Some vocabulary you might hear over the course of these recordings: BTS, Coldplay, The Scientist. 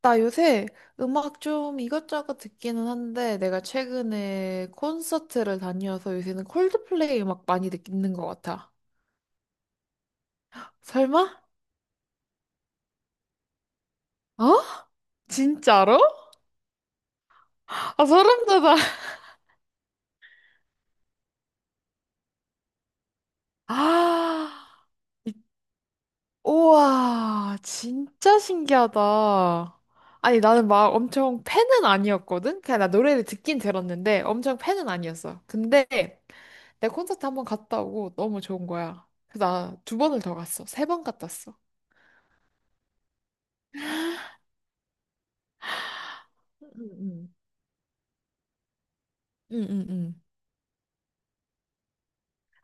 나 요새 음악 좀 이것저것 듣기는 한데 내가 최근에 콘서트를 다녀서 요새는 콜드플레이 음악 많이 듣는 것 같아. 설마? 어? 진짜로? 아, 소름 돋아. 아, 이- 우와, 진짜 신기하다. 아니, 나는 막 엄청 팬은 아니었거든. 그냥 나 노래를 듣긴 들었는데 엄청 팬은 아니었어. 근데 내 콘서트 한 번 갔다 오고 너무 좋은 거야. 그래서 나 두 번을 더 갔어. 세 번 갔다 왔어. 음, 응응응.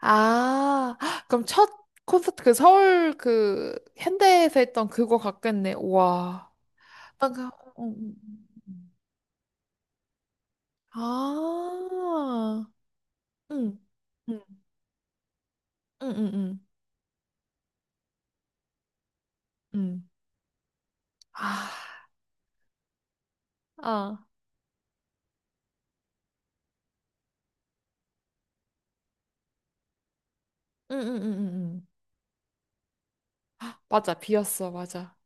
아, 헉, 그럼 첫 콘서트 그 서울 그 현대에서 했던 그거 같겠네. 와, 아까 음, 음, 음, 음. 아. 응. 응. 응응 응. 응. 응. 응. 아. 아. 응응응응응. 맞아. 비었어. 맞아.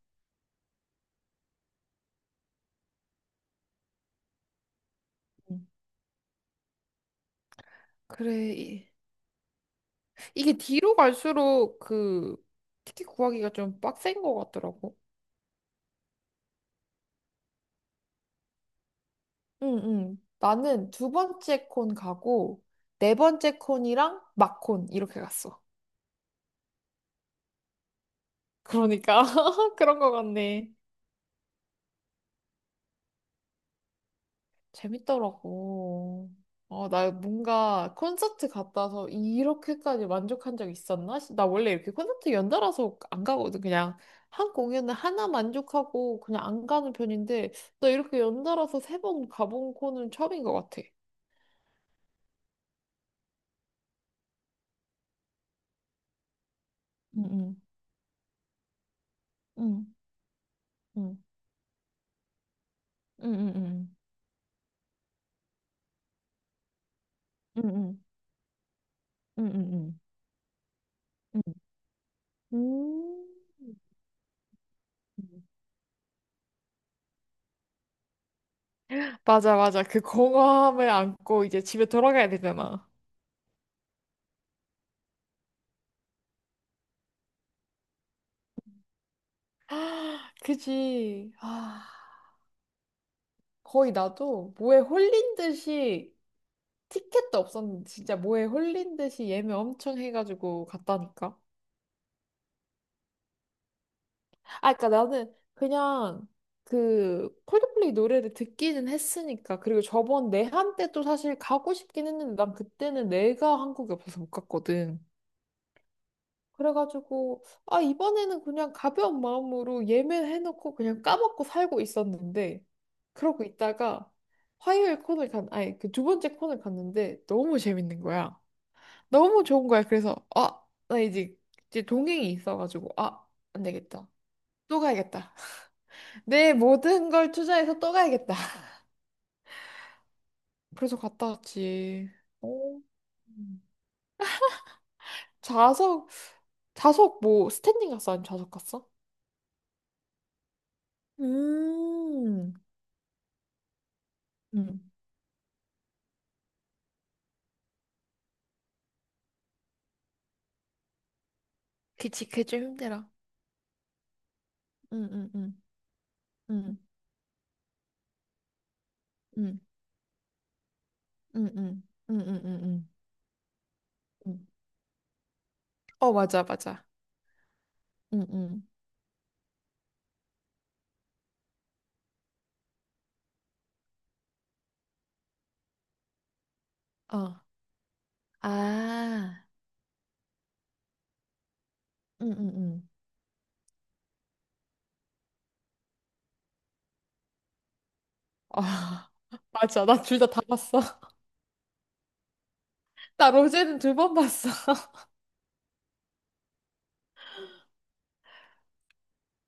응. 그래. 이게 뒤로 갈수록 그 티켓 구하기가 좀 빡센 것 같더라고. 응, 응. 나는 두 번째 콘 가고, 네 번째 콘이랑 막 콘, 이렇게 갔어. 그러니까, 그런 거 같네. 재밌더라고. 어, 나 뭔가 콘서트 갔다 와서 이렇게까지 만족한 적 있었나? 나 원래 이렇게 콘서트 연달아서 안 가거든. 그냥 한 공연을 하나 만족하고 그냥 안 가는 편인데, 나 이렇게 연달아서 세 번 가본 콘은 처음인 것 같아. 응, 응, 응, 응, 응, 응, 응, 응, 응, 응, 응. 응, 응. 음. 맞아, 맞아. 그 공허함을 안고 이제 집에 돌아가야 되잖아. 아, 그지. 아, 거의 나도 뭐에 홀린 듯이 티켓도 없었는데 진짜 뭐에 홀린 듯이 예매 엄청 해가지고 갔다니까. 아, 그러니까 나는 그냥 그 콜드플레이 노래를 듣기는 했으니까, 그리고 저번 내한 때도 사실 가고 싶긴 했는데 난 그때는 내가 한국에 없어서 못 갔거든. 그래가지고, 아, 이번에는 그냥 가벼운 마음으로 예매해놓고 그냥 까먹고 살고 있었는데, 그러고 있다가 화요일 코너를 간, 아니, 그 두 번째 코너를 갔는데 너무 재밌는 거야. 너무 좋은 거야. 그래서, 아, 나 이제, 이제 동행이 있어가지고, 아, 안 되겠다. 또 가야겠다. 내 모든 걸 투자해서 또 가야겠다. 그래서 갔다 왔지. 어. 음. 좌석, 좌석 뭐, 스탠딩 갔어? 아니면 좌석 갔어? 음. 음. 그치, 그게 좀 힘들어. 응, 응, 응, 응, 응, 응, 응, 응, 응, 응, 응 응. 어, 맞아, 맞아. 응, 응, 어. 아, 응, 응, 응. 아아, 맞아. 나 둘 다 다 봤어. 나 로제는 두 번 봤어.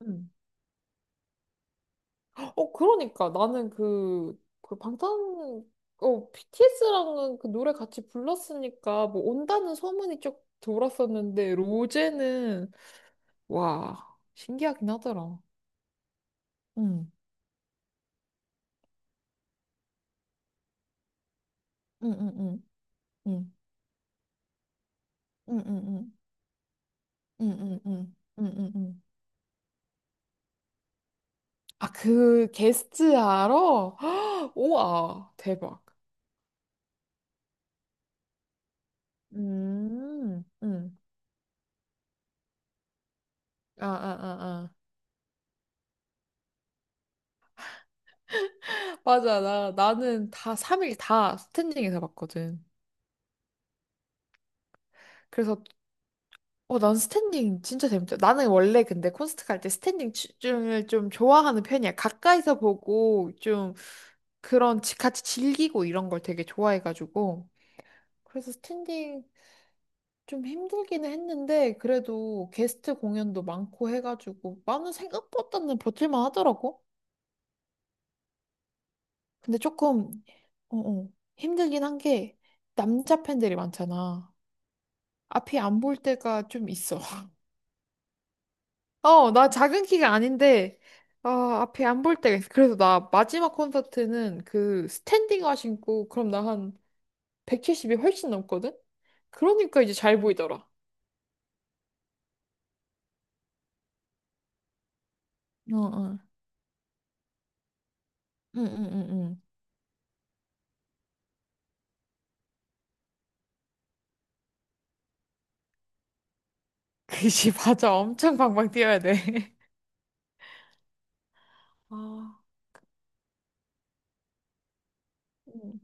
응. 어, 그러니까. 나는 그 방탄, 어, BTS랑은 그 노래 같이 불렀으니까, 뭐, 온다는 소문이 쭉 돌았었는데, 로제는, 와, 신기하긴 하더라. 응, 응, 응, 응, 응. 응응응. 응응응. 응응응. 아, 그 게스트 알아? 우와, 대박. 음, 음. 아, 아, 아, 아. 맞아. 나는 다 3일 다 스탠딩에서 봤거든. 그래서, 어, 난 스탠딩 진짜 재밌다. 나는 원래 근데 콘서트 갈 때 스탠딩 춤을 좀 좋아하는 편이야. 가까이서 보고 좀 같이 즐기고 이런 걸 되게 좋아해가지고. 그래서 스탠딩 좀 힘들기는 했는데 그래도 게스트 공연도 많고 해가지고 나는 생각보다는 버틸만 하더라고. 근데 조금 어, 어, 힘들긴 한 게 남자 팬들이 많잖아. 앞이 안 볼 때가 좀 있어. 어, 나 작은 키가 아닌데 아, 앞이 안 볼 때가 있어. 그래서 나 마지막 콘서트는 그 스탠딩화 신고 그럼 나 한 170이 훨씬 넘거든? 그러니까 이제 잘 보이더라. 어, 어. 응, 응, 응, 응. 그지, 맞아. 엄청 방방 뛰어야 돼. 아, 음.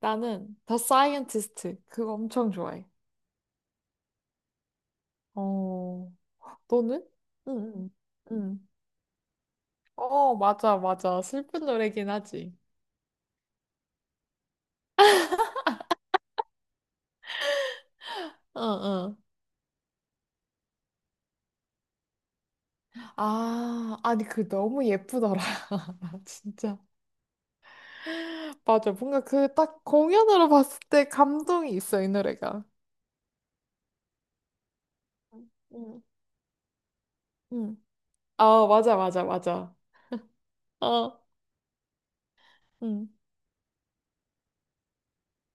나는 더 사이언티스트 그거 엄청 좋아해. 어, 너는? 응, 응, 응. 어, 맞아, 맞아. 슬픈 노래긴 하지. 응, 응. 아, 아니, 그 너무 예쁘더라. 진짜. 맞아. 뭔가 그 딱 공연으로 봤을 때 감동이 있어, 이 노래가. 응, 응. 응. 아, 맞아, 맞아, 맞아. 어, 응.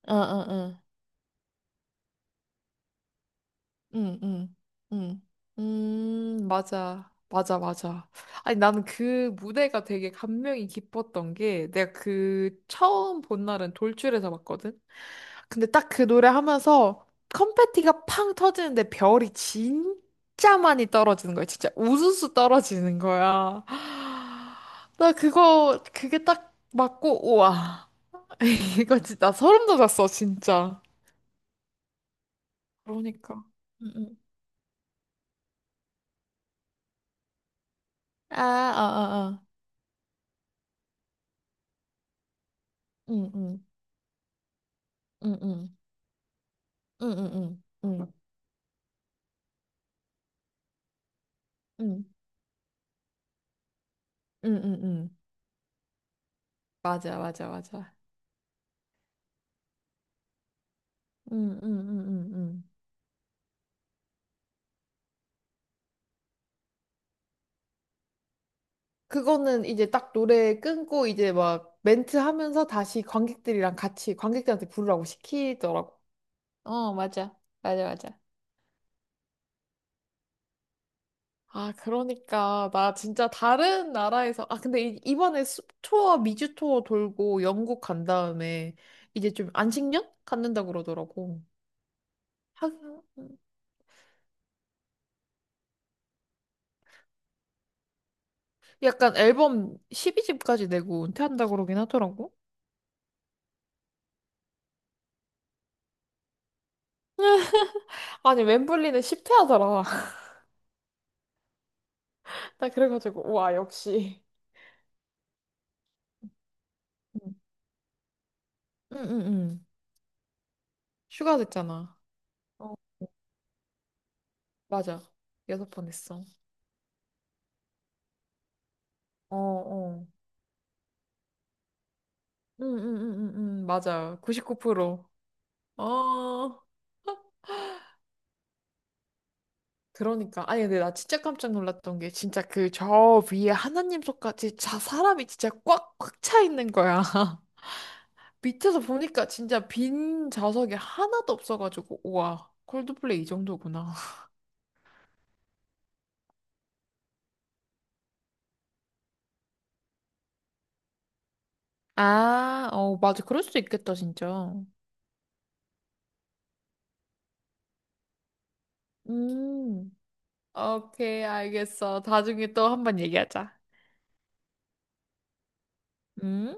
어, 어, 어. 응, 응, 응. 맞아. 맞아, 맞아. 아니, 나는 그 무대가 되게 감명이 깊었던 게, 내가 그 처음 본 날은 돌출에서 봤거든? 근데 딱 그 노래 하면서 컴패티가 팡 터지는데 별이 진짜 많이 떨어지는 거야. 진짜 우수수 떨어지는 거야. 나 그거, 그게 딱 맞고, 우와. 이거 진짜 나 소름 돋았어, 진짜. 그러니까. 응, 응. 아, 아, 아, 아. 응, 응. 응응 응응응 응응 응응응 맞아 맞아 맞아 응응응응응. 그거는 이제 딱 노래 끊고 이제 막 멘트 하면서 다시 관객들이랑 같이 관객들한테 부르라고 시키더라고. 어, 맞아. 맞아, 맞아. 아, 그러니까 나 진짜 다른 나라에서, 아 근데 이번에 투어 미주 투어 돌고 영국 간 다음에 이제 좀 안식년 갖는다 그러더라고. 하긴 약간 앨범 12집까지 내고 은퇴한다 그러긴 하더라고. 아니, 웸블리는 10퇴 하더라. 나 그래가지고, 와, 역시. 응, 응, 응. 휴가 됐잖아. 어, 맞아. 여섯 번 했어. 어, 어. 응, 응, 응, 응, 응. 맞아. 99%. 어, 그러니까. 아니, 근데 나 진짜 깜짝 놀랐던 게, 진짜 그 저 위에 하나님 손까지 자, 사람이 진짜 꽉 차 있는 거야. 밑에서 보니까 진짜 빈 좌석이 하나도 없어가지고, 우와, 콜드플레이 이 정도구나. 아, 어, 맞아. 그럴 수도 있겠다, 진짜. 음, 오케이, 알겠어. 나중에 또 한번 얘기하자. 음.